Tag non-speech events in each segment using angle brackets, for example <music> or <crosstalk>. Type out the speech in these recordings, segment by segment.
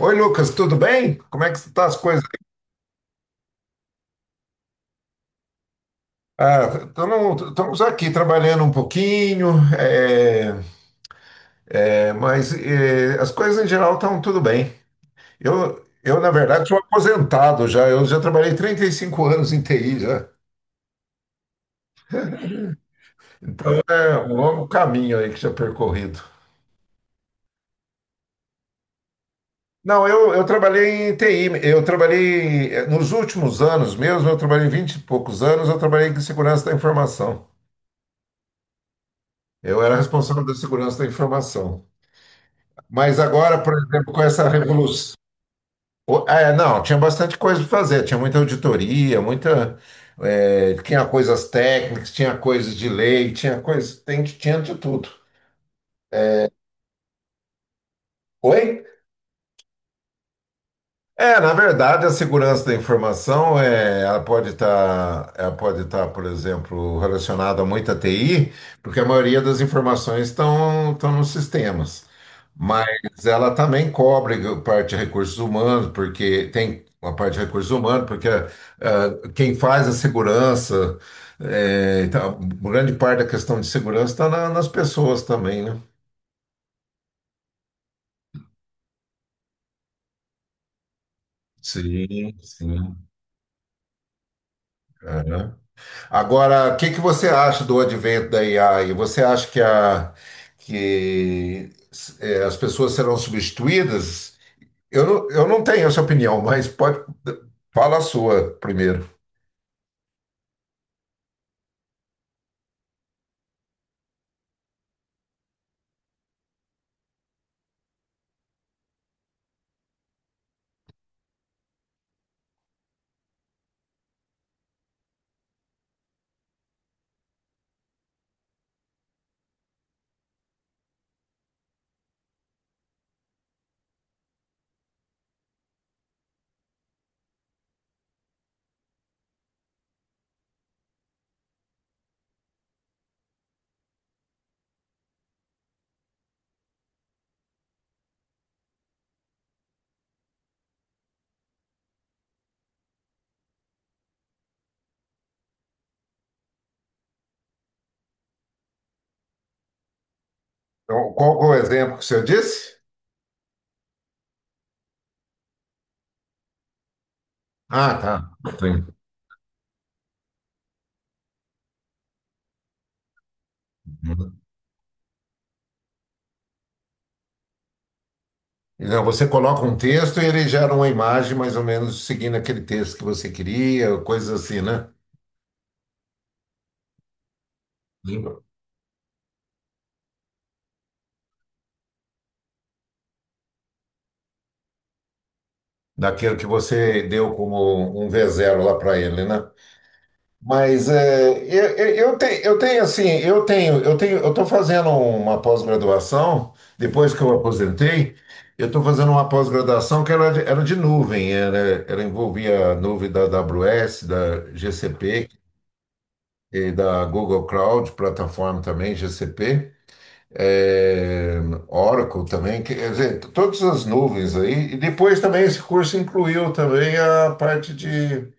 Oi, Lucas, tudo bem? Como é que estão as coisas? Ah, estamos aqui trabalhando um pouquinho, é, mas é, as coisas em geral estão tudo bem. Eu na verdade, sou aposentado já, eu já trabalhei 35 anos em TI já. Então é um longo caminho aí que já percorrido. Não, eu trabalhei em TI, eu trabalhei nos últimos anos mesmo, eu trabalhei 20 e poucos anos, eu trabalhei em segurança da informação. Eu era responsável da segurança da informação. Mas agora, por exemplo, com essa revolução. É, não, tinha bastante coisa para fazer, tinha muita auditoria, muita. Tinha coisas técnicas, tinha coisas de lei, tinha coisas. Tinha de tudo. Oi? É, na verdade, a segurança da informação é, ela pode estar, por exemplo, relacionada a muita TI, porque a maioria das informações estão nos sistemas. Mas ela também cobre a parte de recursos humanos, porque tem a parte de recursos humanos, porque quem faz a segurança, é, então, grande parte da questão de segurança está nas pessoas também, né? Sim, sim. Agora, o que que você acha do advento da AI? Você acha que, que as pessoas serão substituídas? Eu não tenho essa opinião, mas pode fala a sua primeiro. Então, qual que é o exemplo que você disse? Ah, tá. Sim. Não, você coloca um texto e ele gera uma imagem mais ou menos seguindo aquele texto que você queria, coisas assim, né? Sim. Daquilo que você deu como um v zero lá para ele, né? Mas é, eu tenho assim, eu tenho, eu tenho, eu estou fazendo uma pós-graduação, depois que eu aposentei, eu estou fazendo uma pós-graduação que era de nuvem, era, ela envolvia a nuvem da AWS, da GCP e da Google Cloud, plataforma também, GCP, é, Oracle também, quer dizer, todas as nuvens aí, e depois também esse curso incluiu também a parte de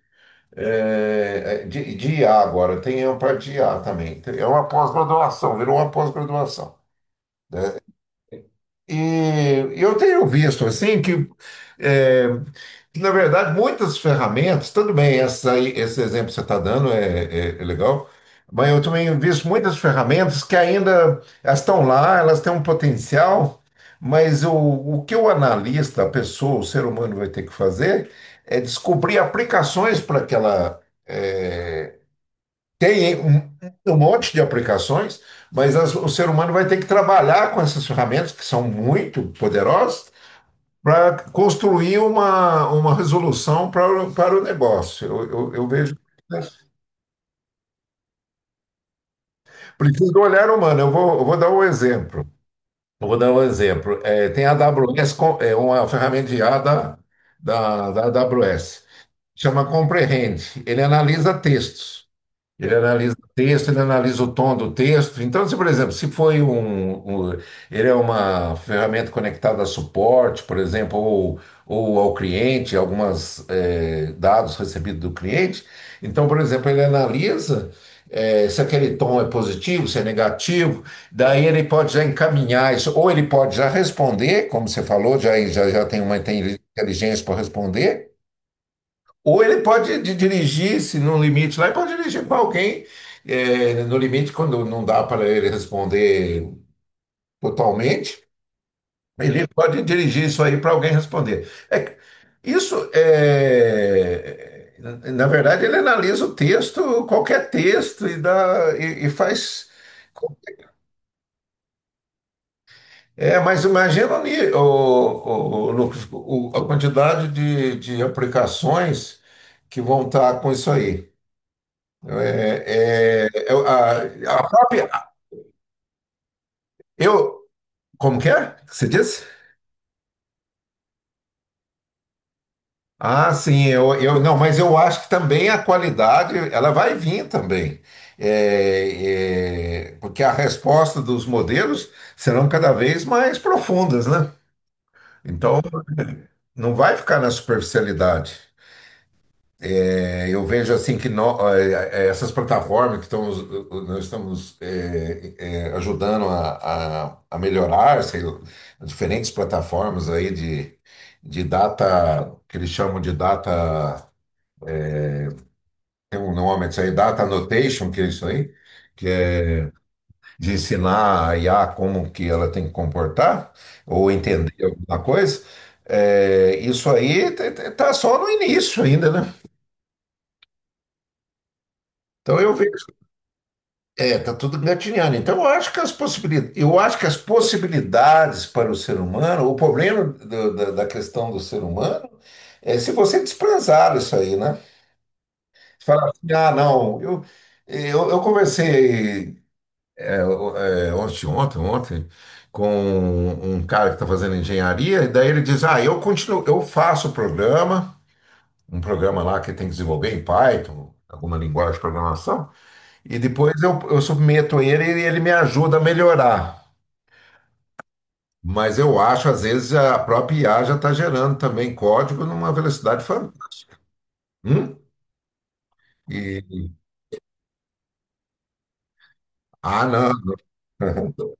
IA agora, tem um para de IA também. É uma pós-graduação, virou uma pós-graduação. E eu tenho visto assim que, é, que, na verdade, muitas ferramentas, tudo bem, esse exemplo que você está dando é legal, mas eu também visto muitas ferramentas que ainda elas estão lá, elas têm um potencial, mas o que o analista, a pessoa, o ser humano vai ter que fazer é descobrir aplicações para aquela é, tem um, um monte de aplicações, mas o ser humano vai ter que trabalhar com essas ferramentas, que são muito poderosas, para construir uma resolução para, o para o negócio. Eu vejo. Isso. Precisa do olhar humano. Eu vou dar um exemplo. Eu vou dar um exemplo. É, tem a AWS, é uma ferramenta de IA da AWS, chama Comprehend. Ele analisa textos. Ele analisa o texto, ele analisa o tom do texto. Então, se, por exemplo, se foi ele é uma ferramenta conectada a suporte, por exemplo, ou ao cliente, algumas dados recebidos do cliente. Então, por exemplo, ele analisa se aquele tom é positivo, se é negativo. Daí ele pode já encaminhar isso, ou ele pode já responder, como você falou, já tem uma inteligência para responder. Ou ele pode dirigir, se no limite lá, ele pode dirigir para alguém, é, no limite, quando não dá para ele responder totalmente, ele pode dirigir isso aí para alguém responder. É que isso é. Na verdade, ele analisa o texto, qualquer texto, e faz. É, mas imagina o Lucas, a quantidade de aplicações que vão estar com isso aí. É, é, Eu, a, a própria, eu, como que é? Que Você disse? Ah, sim, eu não, mas eu acho que também a qualidade ela vai vir também. Porque a resposta dos modelos serão cada vez mais profundas, né? Então, não vai ficar na superficialidade. É, eu vejo assim que essas plataformas que estamos, nós estamos ajudando a melhorar, sei lá, diferentes plataformas aí de data, que eles chamam de data, tem um nome isso aí, data annotation, que é isso aí, que é de ensinar a IA como que ela tem que comportar, ou entender alguma coisa. Eh, isso aí está só no início ainda, né? Então eu vejo. É, tá tudo engatinhando. Então, eu acho que as possibilidades para o ser humano, o problema da questão do ser humano é se você desprezar isso aí, né? Você falar assim, ah, não, eu conversei ontem, com um cara que está fazendo engenharia, e daí ele diz, ah, eu continuo, eu faço um programa lá que tem que desenvolver em Python, alguma linguagem de programação. E depois eu submeto ele e ele me ajuda a melhorar. Mas eu acho, às vezes, a própria IA já está gerando também código numa velocidade fantástica. Hum? E, ah, não. <laughs>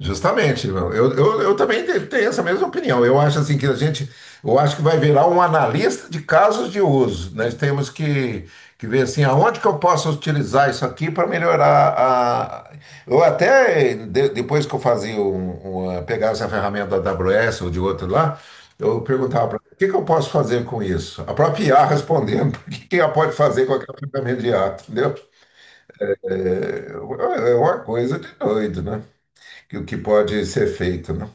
Justamente, tenho essa mesma opinião. Eu acho assim que a gente, eu acho que vai virar um analista de casos de uso. Nós temos que ver assim, aonde que eu posso utilizar isso aqui para melhorar a. Eu até depois que eu fazia pegar essa ferramenta da AWS ou de outro lá, eu perguntava para o que que eu posso fazer com isso? A própria IA respondendo, <laughs> o que que ela pode fazer com aquela ferramenta de IA, entendeu? É é uma coisa de doido, né? Que o que pode ser feito, né?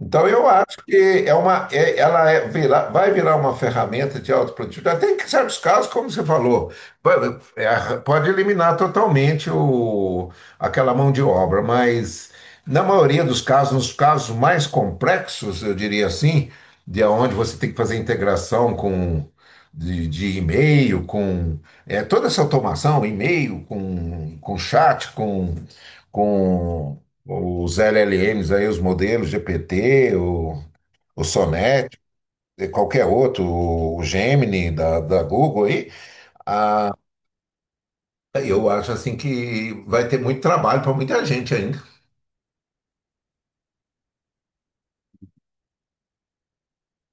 Então, eu acho que ela é, vai virar uma ferramenta de autoprodutividade. Até em certos casos, como você falou, vai- é, pode eliminar totalmente o, aquela mão de obra, mas na maioria dos casos, nos casos mais complexos, eu diria assim, de onde você tem que fazer integração com de e-mail, com toda essa automação, e-mail, com chat, com os LLMs aí, os modelos GPT, o Sonnet, e qualquer outro, o Gemini da Google aí, ah, eu acho assim que vai ter muito trabalho para muita gente ainda.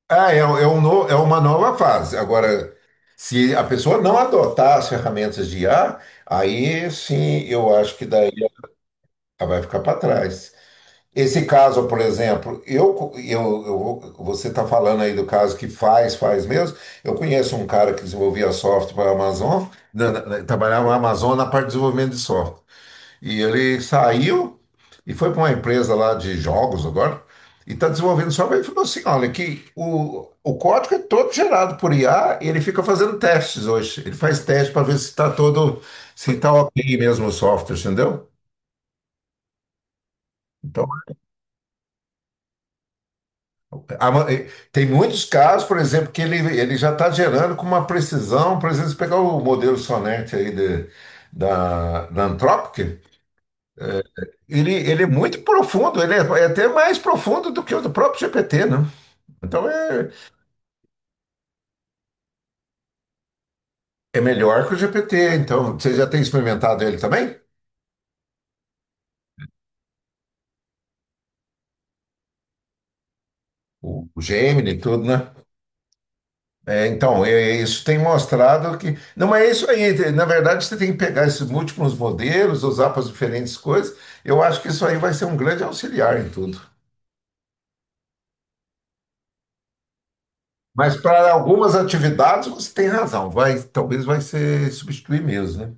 Ah, é, uma nova fase. Agora, se a pessoa não adotar as ferramentas de IA, aí sim eu acho que daí ela vai ficar para trás. Esse caso, por exemplo, você está falando aí do caso que faz mesmo. Eu conheço um cara que desenvolvia software para a Amazon, trabalhava na Amazon na parte de desenvolvimento de software. E ele saiu e foi para uma empresa lá de jogos agora, e está desenvolvendo software. Ele falou assim: olha, que o código é todo gerado por IA e ele fica fazendo testes hoje. Ele faz teste para ver se está todo, se está ok mesmo o software, entendeu? Então, A ma- eh, tem muitos casos, por exemplo, que ele já está gerando com uma precisão. Por exemplo, se pegar o modelo Sonnet da, da Anthropic, ele é muito profundo, é até mais profundo do que o do próprio GPT, né? Então é, é melhor que o GPT. Então, você já tem experimentado ele também? O Gemini e tudo, né? É, então, é, isso tem mostrado que. Não, mas é isso aí. Na verdade, você tem que pegar esses múltiplos modelos, usar para as diferentes coisas. Eu acho que isso aí vai ser um grande auxiliar em tudo. Mas para algumas atividades, você tem razão. Talvez vai ser substituir mesmo, né?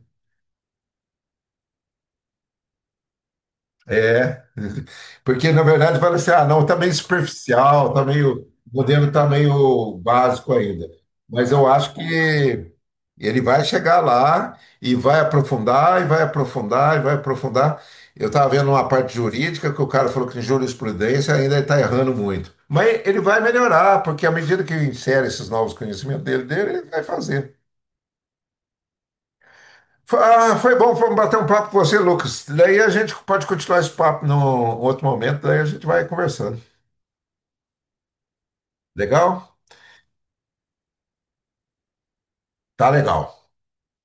É, <laughs> porque na verdade fala assim, ah, não, tá meio superficial, tá meio, o modelo tá meio básico ainda. Mas eu acho que ele vai chegar lá e vai aprofundar, e vai aprofundar, e vai aprofundar. Eu estava vendo uma parte jurídica que o cara falou que em jurisprudência ainda está errando muito. Mas ele vai melhorar, porque à medida que insere esses novos conhecimentos dele, ele vai fazer. Ah, foi bom foi um bater um papo com você, Lucas. Daí a gente pode continuar esse papo num outro momento, daí a gente vai conversando. Legal? Tá legal.